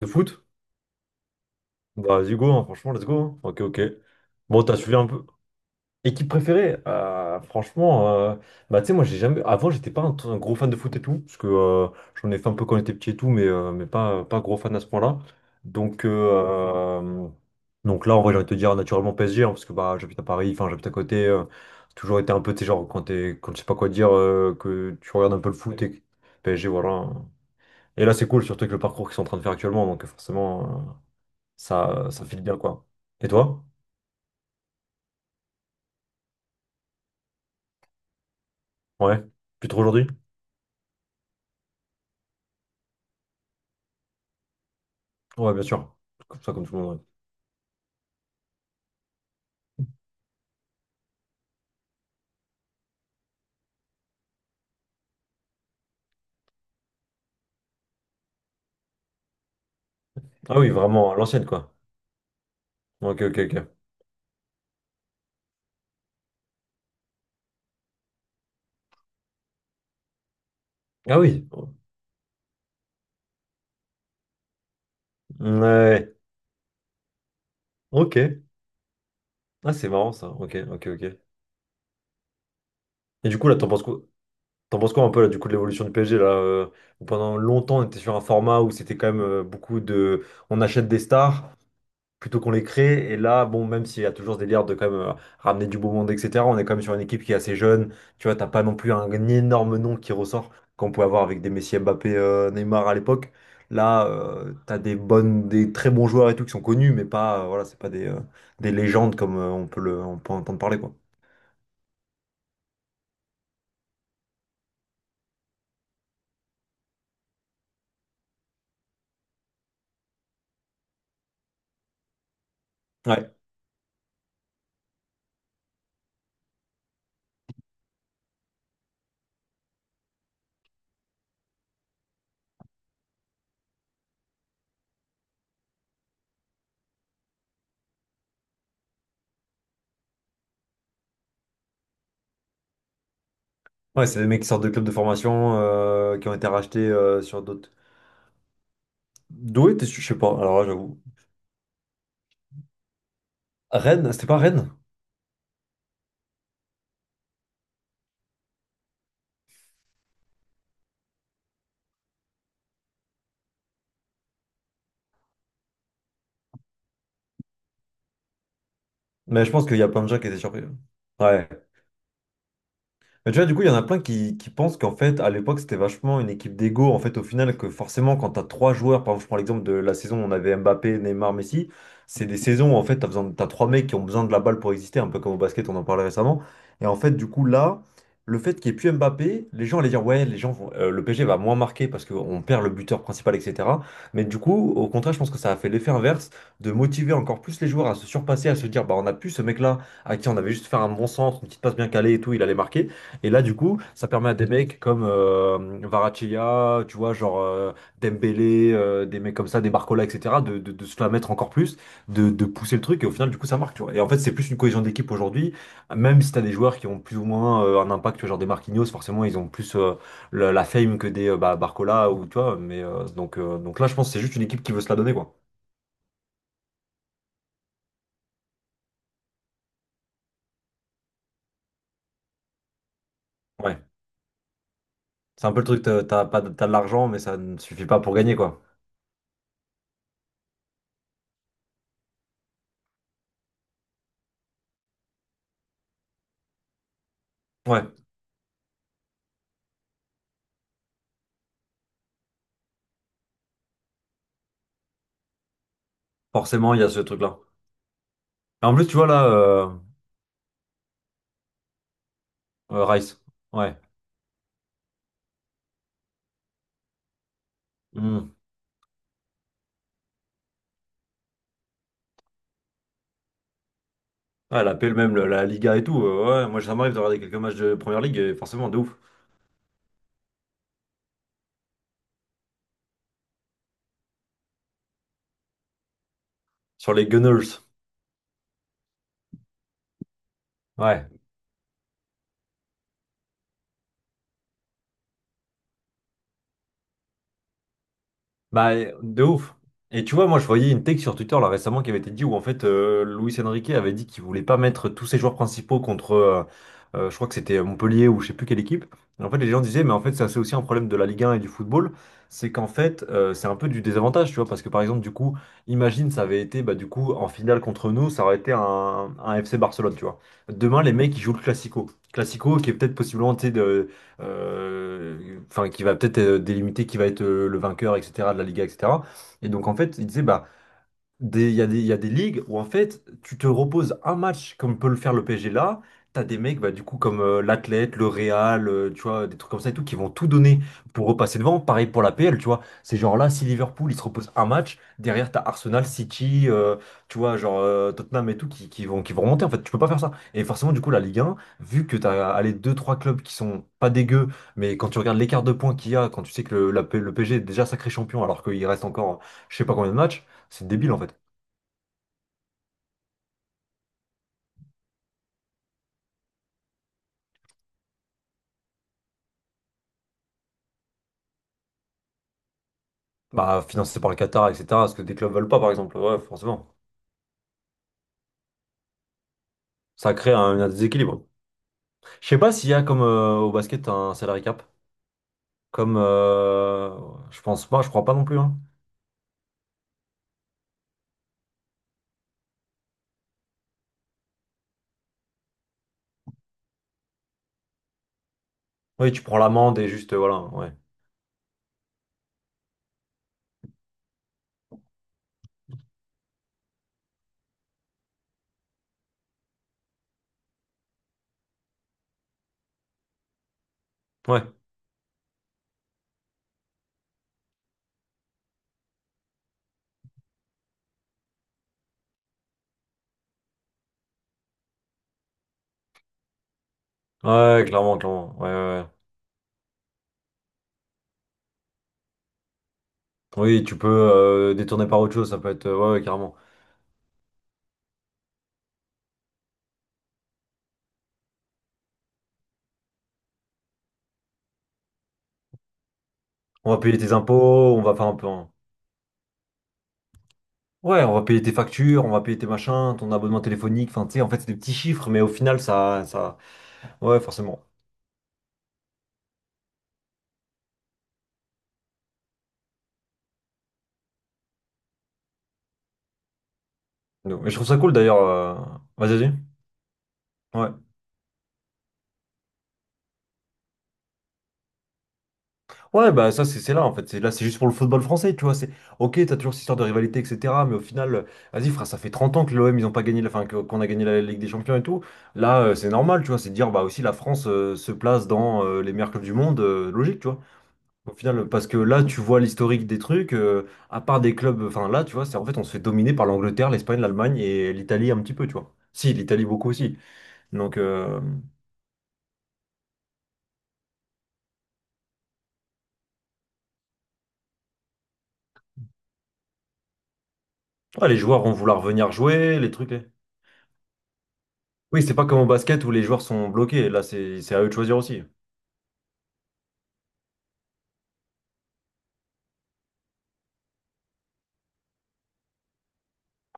De foot? Bah, vas-y, go, hein, franchement, let's go, hein. Ok, ok. Bon, t'as suivi un peu. Équipe préférée? Franchement, bah, tu sais, moi, j'ai jamais. Avant, j'étais pas un gros fan de foot et tout, parce que j'en ai fait un peu quand j'étais petit et tout, mais pas gros fan à ce point-là. Donc, euh, euh, donc là, en vrai, j'ai envie de te dire naturellement PSG, hein, parce que bah, j'habite à Paris, enfin, j'habite à côté. C'est toujours été un peu, tu sais, genre, quand je sais pas quoi dire, que tu regardes un peu le foot et que PSG, voilà, hein. Et là, c'est cool, surtout avec le parcours qu'ils sont en train de faire actuellement, donc forcément. Ça, ça file bien, quoi. Et toi? Ouais. Plus trop aujourd'hui? Ouais, bien sûr. Comme ça, comme tout le monde. Ouais. Ah oui, vraiment, à l'ancienne, quoi. Ok, ok, ok. Ah oui. Ouais. Ok. Ah, c'est marrant, ça. Ok, ok, ok. Et du coup, là, t'en penses quoi? T'en penses quoi un peu, là, du coup, de l'évolution du PSG, là, où pendant longtemps, on était sur un format où c'était quand même beaucoup de. On achète des stars, plutôt qu'on les crée. Et là, bon, même s'il y a toujours ce délire de quand même ramener du beau monde, etc., on est quand même sur une équipe qui est assez jeune. Tu vois, t'as pas non plus un énorme nom qui ressort qu'on pouvait avoir avec des Messi, Mbappé, Neymar à l'époque. Là, t'as des très bons joueurs et tout qui sont connus, mais pas, voilà, c'est pas des légendes comme on peut entendre parler, quoi. Ouais, ouais, c'est des mecs qui sortent de clubs de formation, qui ont été rachetés sur d'autres. D'où était, je sais pas, alors là, j'avoue. Rennes, c'était pas Rennes? Mais je pense qu'il y a plein de gens qui étaient surpris. Ouais. Mais tu vois, du coup, il y en a plein qui pensent qu'en fait, à l'époque, c'était vachement une équipe d'ego. En fait, au final, que forcément, quand tu as trois joueurs, par exemple, je prends l'exemple de la saison où on avait Mbappé, Neymar, Messi, c'est des saisons où en fait, t'as trois mecs qui ont besoin de la balle pour exister, un peu comme au basket, on en parlait récemment. Et en fait, du coup, là, le fait qu'il n'y ait plus Mbappé, les gens allaient dire, ouais, le PSG va moins marquer parce qu'on perd le buteur principal, etc. Mais du coup, au contraire, je pense que ça a fait l'effet inverse de motiver encore plus les joueurs à se surpasser, à se dire, bah, on a plus ce mec-là à qui on avait juste fait un bon centre, une petite passe bien calée et tout, il allait marquer. Et là, du coup, ça permet à des mecs comme Kvaratskhelia, tu vois, genre Dembélé, des mecs comme ça, des Barcola, etc., de se la mettre encore plus, de pousser le truc, et au final, du coup, ça marque, tu vois. Et en fait, c'est plus une cohésion d'équipe aujourd'hui, même si t'as des joueurs qui ont plus ou moins un impact, tu vois, genre des Marquinhos, forcément, ils ont plus la fame que des bah, Barcola, ou tu vois, mais donc là, je pense que c'est juste une équipe qui veut se la donner, quoi. Ouais, c'est un peu le truc, t'as t'as pas t'as de l'argent, mais ça ne suffit pas pour gagner, quoi. Ouais, forcément, il y a ce truc-là. Et en plus, tu vois, là, Rice. Ouais. Hmm. Ah, la PL même, Liga et tout. Ouais, moi, ça m'arrive de regarder quelques matchs de Première Ligue, et forcément, de ouf. Sur les Gunners. Ouais. Bah, de ouf. Et tu vois, moi, je voyais une tech sur Twitter là récemment qui avait été dit où en fait Luis Enrique avait dit qu'il voulait pas mettre tous ses joueurs principaux contre, je crois que c'était Montpellier ou je sais plus quelle équipe. Et en fait, les gens disaient, mais en fait, ça c'est aussi un problème de la Ligue 1 et du football, c'est qu'en fait, c'est un peu du désavantage, tu vois, parce que par exemple, du coup, imagine, ça avait été, bah, du coup, en finale contre nous, ça aurait été un FC Barcelone, tu vois. Demain, les mecs, ils jouent le Classico. Classico qui est peut-être possiblement, tu sais, euh, enfin, qui va peut-être délimiter qui va être le vainqueur, etc., de la Liga, etc. Et donc, en fait, il disait, bah, des- Il y a des, il y a des ligues où en fait tu te reposes un match comme peut le faire le PSG là. T'as des mecs bah, du coup comme l'Athlète, le Real, tu vois, des trucs comme ça et tout qui vont tout donner pour repasser devant. Pareil pour la PL, tu vois. C'est genre là si Liverpool il se repose un match, derrière t'as Arsenal, City, tu vois, genre Tottenham et tout qui vont remonter. En fait, tu peux pas faire ça. Et forcément, du coup, la Ligue 1, vu que t'as allez, deux trois clubs qui sont pas dégueux, mais quand tu regardes l'écart de points qu'il y a, quand tu sais que le PSG est déjà sacré champion alors qu'il reste encore je sais pas combien de matchs. C'est débile en fait. Bah, financé par le Qatar, etc. Parce que des clubs veulent pas, par exemple. Ouais, forcément. Ça crée un déséquilibre. Je sais pas s'il y a comme au basket un salary cap. Comme je pense pas, je crois pas non plus, hein. Oui, tu prends l'amende et juste voilà. Ouais. Ouais. Ouais, clairement, clairement. Ouais, ouais. Ouais. Oui, tu peux détourner par autre chose. Ça peut être. Ouais, ouais, carrément. On va payer tes impôts, on va faire un peu. Ouais, on va payer tes factures, on va payer tes machins, ton abonnement téléphonique. Enfin, tu sais, en fait, c'est des petits chiffres, mais au final, ça, ça. Ouais, forcément. Donc, et je trouve ça cool d'ailleurs. Vas-y, vas-y. Ouais. Ouais, bah ça, c'est là en fait. Là, c'est juste pour le football français, tu vois. C'est ok, t'as toujours cette histoire de rivalité, etc. Mais au final, vas-y, frère, ça fait 30 ans que l'OM, ils ont pas gagné, enfin, qu'on a gagné la Ligue des Champions et tout. Là, c'est normal, tu vois. C'est de dire, bah aussi, la France se place dans les meilleurs clubs du monde, logique, tu vois. Au final, parce que là, tu vois l'historique des trucs, à part des clubs, enfin là, tu vois, c'est en fait, on se fait dominer par l'Angleterre, l'Espagne, l'Allemagne et l'Italie un petit peu, tu vois. Si, l'Italie beaucoup aussi. Donc. Ah, les joueurs vont vouloir venir jouer, les trucs. Oui, c'est pas comme au basket où les joueurs sont bloqués. Là, c'est à eux de choisir aussi.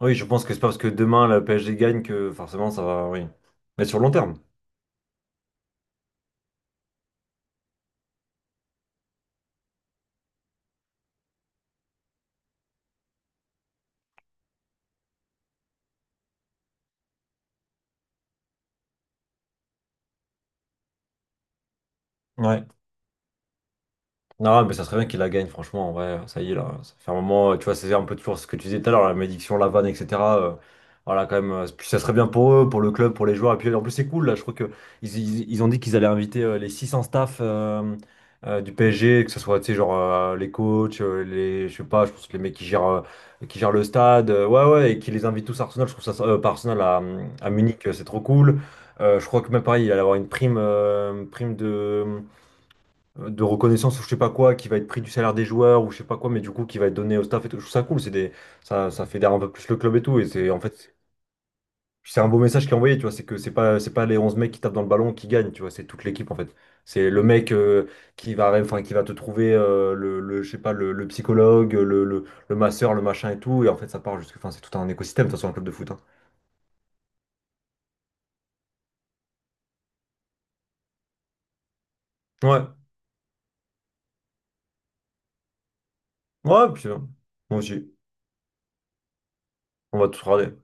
Oui, je pense que c'est pas parce que demain la PSG gagne que forcément ça va. Oui, mais sur le long terme. Ouais. Non, mais ça serait bien qu'il la gagne, franchement, en vrai, ça y est, là, ça fait un moment, tu vois, c'est un peu toujours ce que tu disais tout à l'heure, la malédiction, la vanne, etc., euh, voilà, quand même, puis ça serait bien pour eux, pour le club, pour les joueurs, et puis en plus, c'est cool, là, je crois que ils ont dit qu'ils allaient inviter les 600 staff du PSG, que ce soit, tu sais, genre, les coachs, je sais pas, je pense que les mecs qui gèrent le stade, ouais, ouais, et qui les invitent tous à Arsenal, je trouve ça, pas Arsenal, à Munich, c'est trop cool. Je crois que même pareil, il allait avoir une prime, prime de de reconnaissance ou je sais pas quoi, qui va être pris du salaire des joueurs ou je sais pas quoi, mais du coup qui va être donné au staff et tout. Je trouve ça cool, c'est des, ça fédère un peu plus le club et tout. Et c'est en fait, c'est un beau message qui est envoyé, tu vois. C'est que c'est pas, les 11 mecs qui tapent dans le ballon qui gagnent, tu vois. C'est toute l'équipe en fait. C'est le mec enfin, qui va te trouver je sais pas, le psychologue, le masseur, le machin et tout. Et en fait, ça part jusque, enfin, c'est tout un écosystème, de toute façon, un club de foot, hein. Ouais, ouais, puis, moi aussi, on va tout regarder.